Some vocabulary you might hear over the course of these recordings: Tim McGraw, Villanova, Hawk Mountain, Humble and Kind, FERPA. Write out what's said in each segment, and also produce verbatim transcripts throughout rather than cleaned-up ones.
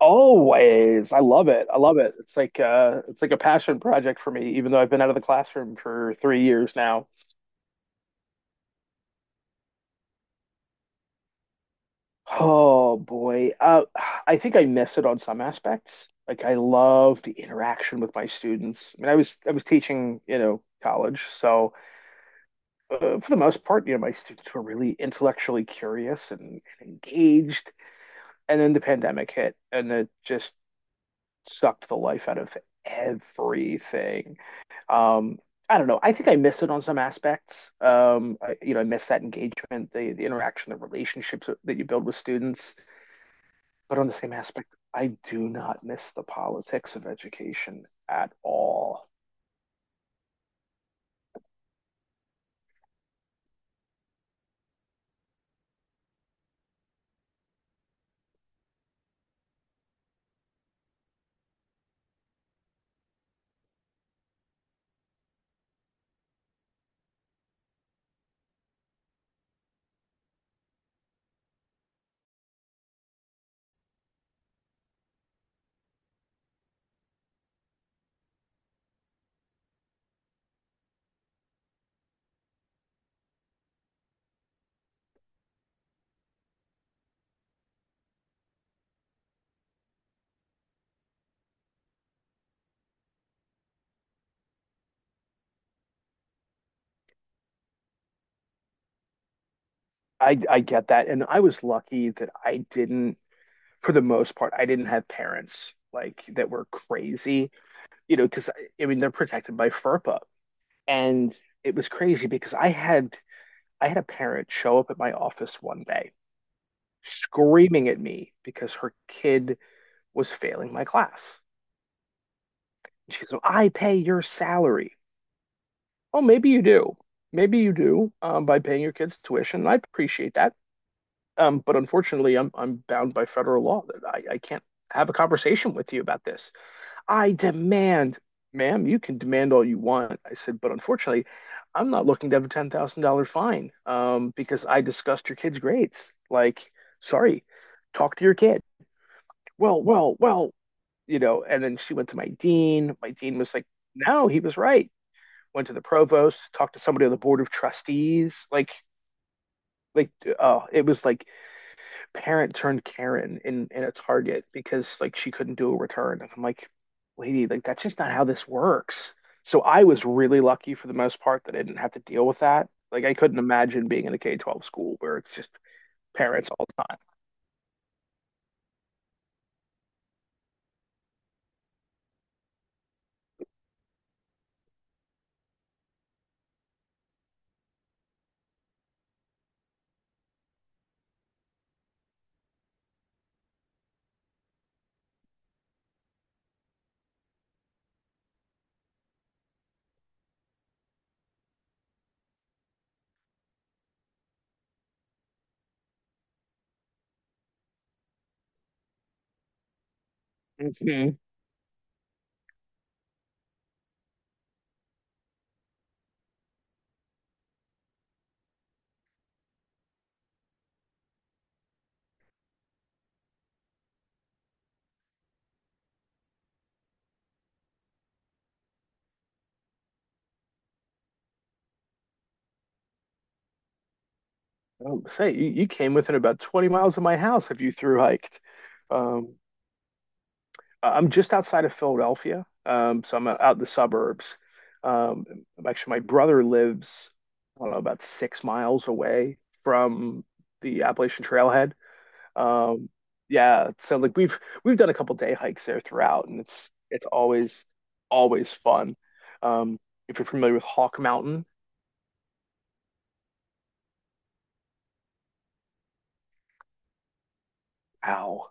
Always. I love it. I love it. It's like uh it's like a passion project for me, even though I've been out of the classroom for three years now. Oh boy. Uh I think I miss it on some aspects. Like I love the interaction with my students. I mean, I was I was teaching, you know, college. So uh, for the most part, you know, my students were really intellectually curious and, and engaged. And then the pandemic hit and it just sucked the life out of everything. Um, I don't know. I think I miss it on some aspects. Um, I, you know, I miss that engagement, the the interaction, the relationships that you build with students. But on the same aspect, I do not miss the politics of education at all. I I get that, and I was lucky that I didn't, for the most part, I didn't have parents like that were crazy. You know, because I, I mean they're protected by FERPA, and it was crazy because I had I had a parent show up at my office one day screaming at me because her kid was failing my class. She goes, "Well, I pay your salary. Oh, maybe you do. Maybe you do um, by paying your kids tuition. And I appreciate that. Um, but unfortunately, I'm I'm bound by federal law that I, I can't have a conversation with you about this. I demand, ma'am, you can demand all you want." I said, "but unfortunately, I'm not looking to have a ten thousand dollars fine um, because I discussed your kid's grades." Like, sorry, talk to your kid. Well, well, well, you know, and then she went to my dean. My dean was like, no, he was right. Went to the provost, talked to somebody on the board of trustees. Like, like, oh, it was like parent turned Karen in in a Target because like she couldn't do a return. And I'm like, lady, like that's just not how this works. So I was really lucky for the most part that I didn't have to deal with that. Like I couldn't imagine being in a K twelve school where it's just parents all the time. Mhm. Um, say you, you came within about twenty miles of my house if you through hiked. Um, I'm just outside of Philadelphia, um, so I'm out in the suburbs. Um, actually, my brother lives, I don't know, about six miles away from the Appalachian Trailhead. Um, yeah, so like we've we've done a couple day hikes there throughout, and it's it's always always fun. Um, if you're familiar with Hawk Mountain, ow,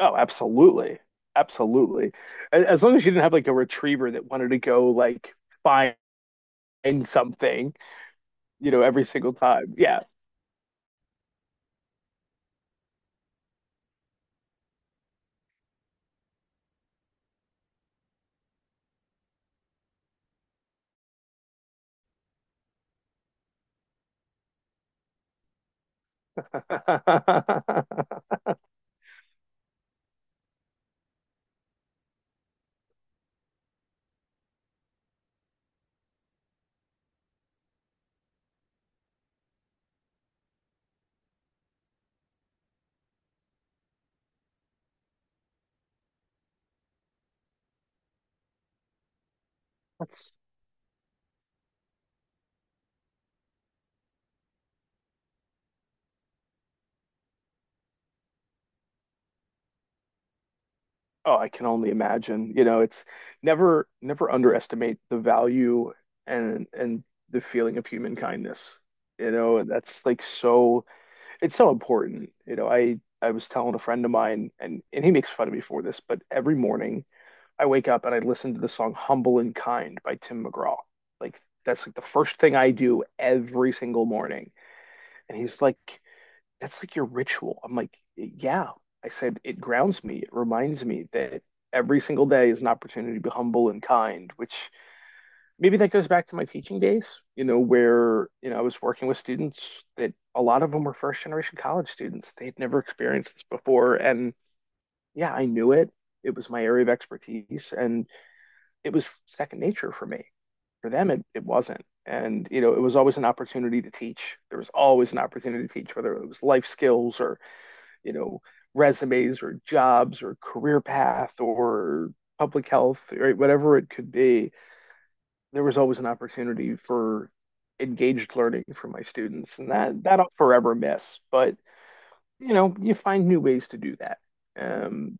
oh, absolutely, absolutely. A- As long as you didn't have like a retriever that wanted to go like find something, you know, every single time. Yeah. That's, oh, I can only imagine. You know, it's never, never underestimate the value and and the feeling of human kindness. You know, and that's like so, it's so important. You know, I I was telling a friend of mine, and and he makes fun of me for this, but every morning I wake up and I listen to the song "Humble and Kind" by Tim McGraw. Like that's like the first thing I do every single morning. And he's like, that's like your ritual. I'm like, yeah. I said, it grounds me. It reminds me that every single day is an opportunity to be humble and kind, which maybe that goes back to my teaching days, you know, where, you know, I was working with students that a lot of them were first generation college students. They had never experienced this before. And yeah, I knew it. It was my area of expertise and it was second nature for me. For them, it, it wasn't. And, you know, it was always an opportunity to teach. There was always an opportunity to teach, whether it was life skills or you know, resumes or jobs or career path or public health, right? Whatever it could be, there was always an opportunity for engaged learning for my students. And that that I'll forever miss. But, you know, you find new ways to do that. Um,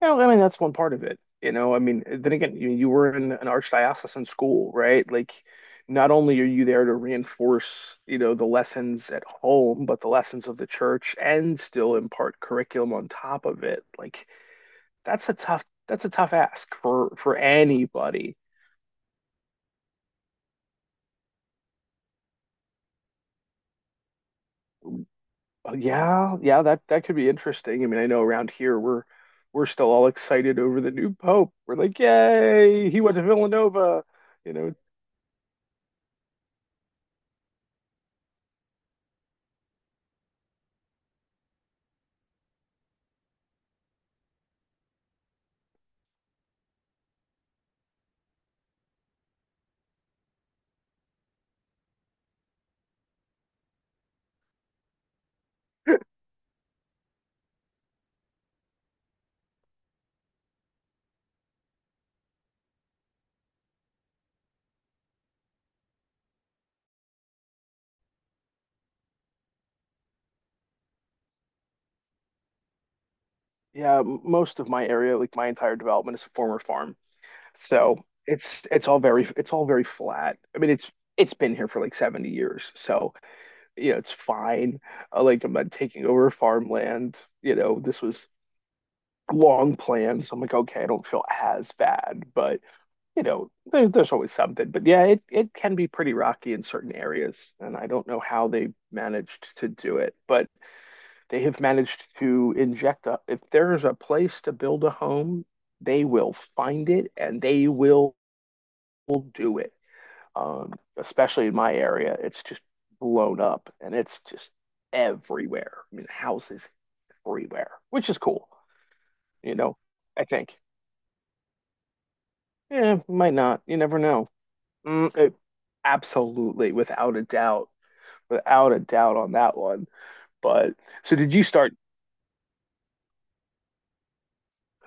Well, I mean, that's one part of it. You know, I mean, then again, you, you were in an archdiocesan school, right? Like, not only are you there to reinforce, you know, the lessons at home, but the lessons of the church and still impart curriculum on top of it. Like, that's a tough, that's a tough ask for for anybody. Uh, yeah, yeah, that that could be interesting. I mean, I know around here we're we're still all excited over the new pope. We're like, yay, he went to Villanova. You know, yeah, m- most of my area, like my entire development is a former farm. So it's it's all very it's all very flat. I mean, it's it's been here for like seventy years. So, you know, it's fine. Uh, like I'm not taking over farmland, you know, this was long planned. So I'm like, okay, I don't feel as bad, but you know, there's there's always something. But yeah, it it can be pretty rocky in certain areas, and I don't know how they managed to do it, but they have managed to inject a, if there is a place to build a home, they will find it and they will do it. Um, especially in my area, it's just blown up and it's just everywhere. I mean, houses everywhere, which is cool, you know, I think. Yeah, might not. You never know. Mm, it- absolutely, without a doubt, without a doubt on that one. But so did you start.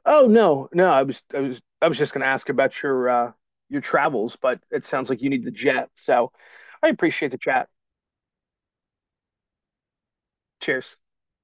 Oh no, no, I was I was I was just going to ask about your uh your travels, but it sounds like you need the jet. So I appreciate the chat. Cheers.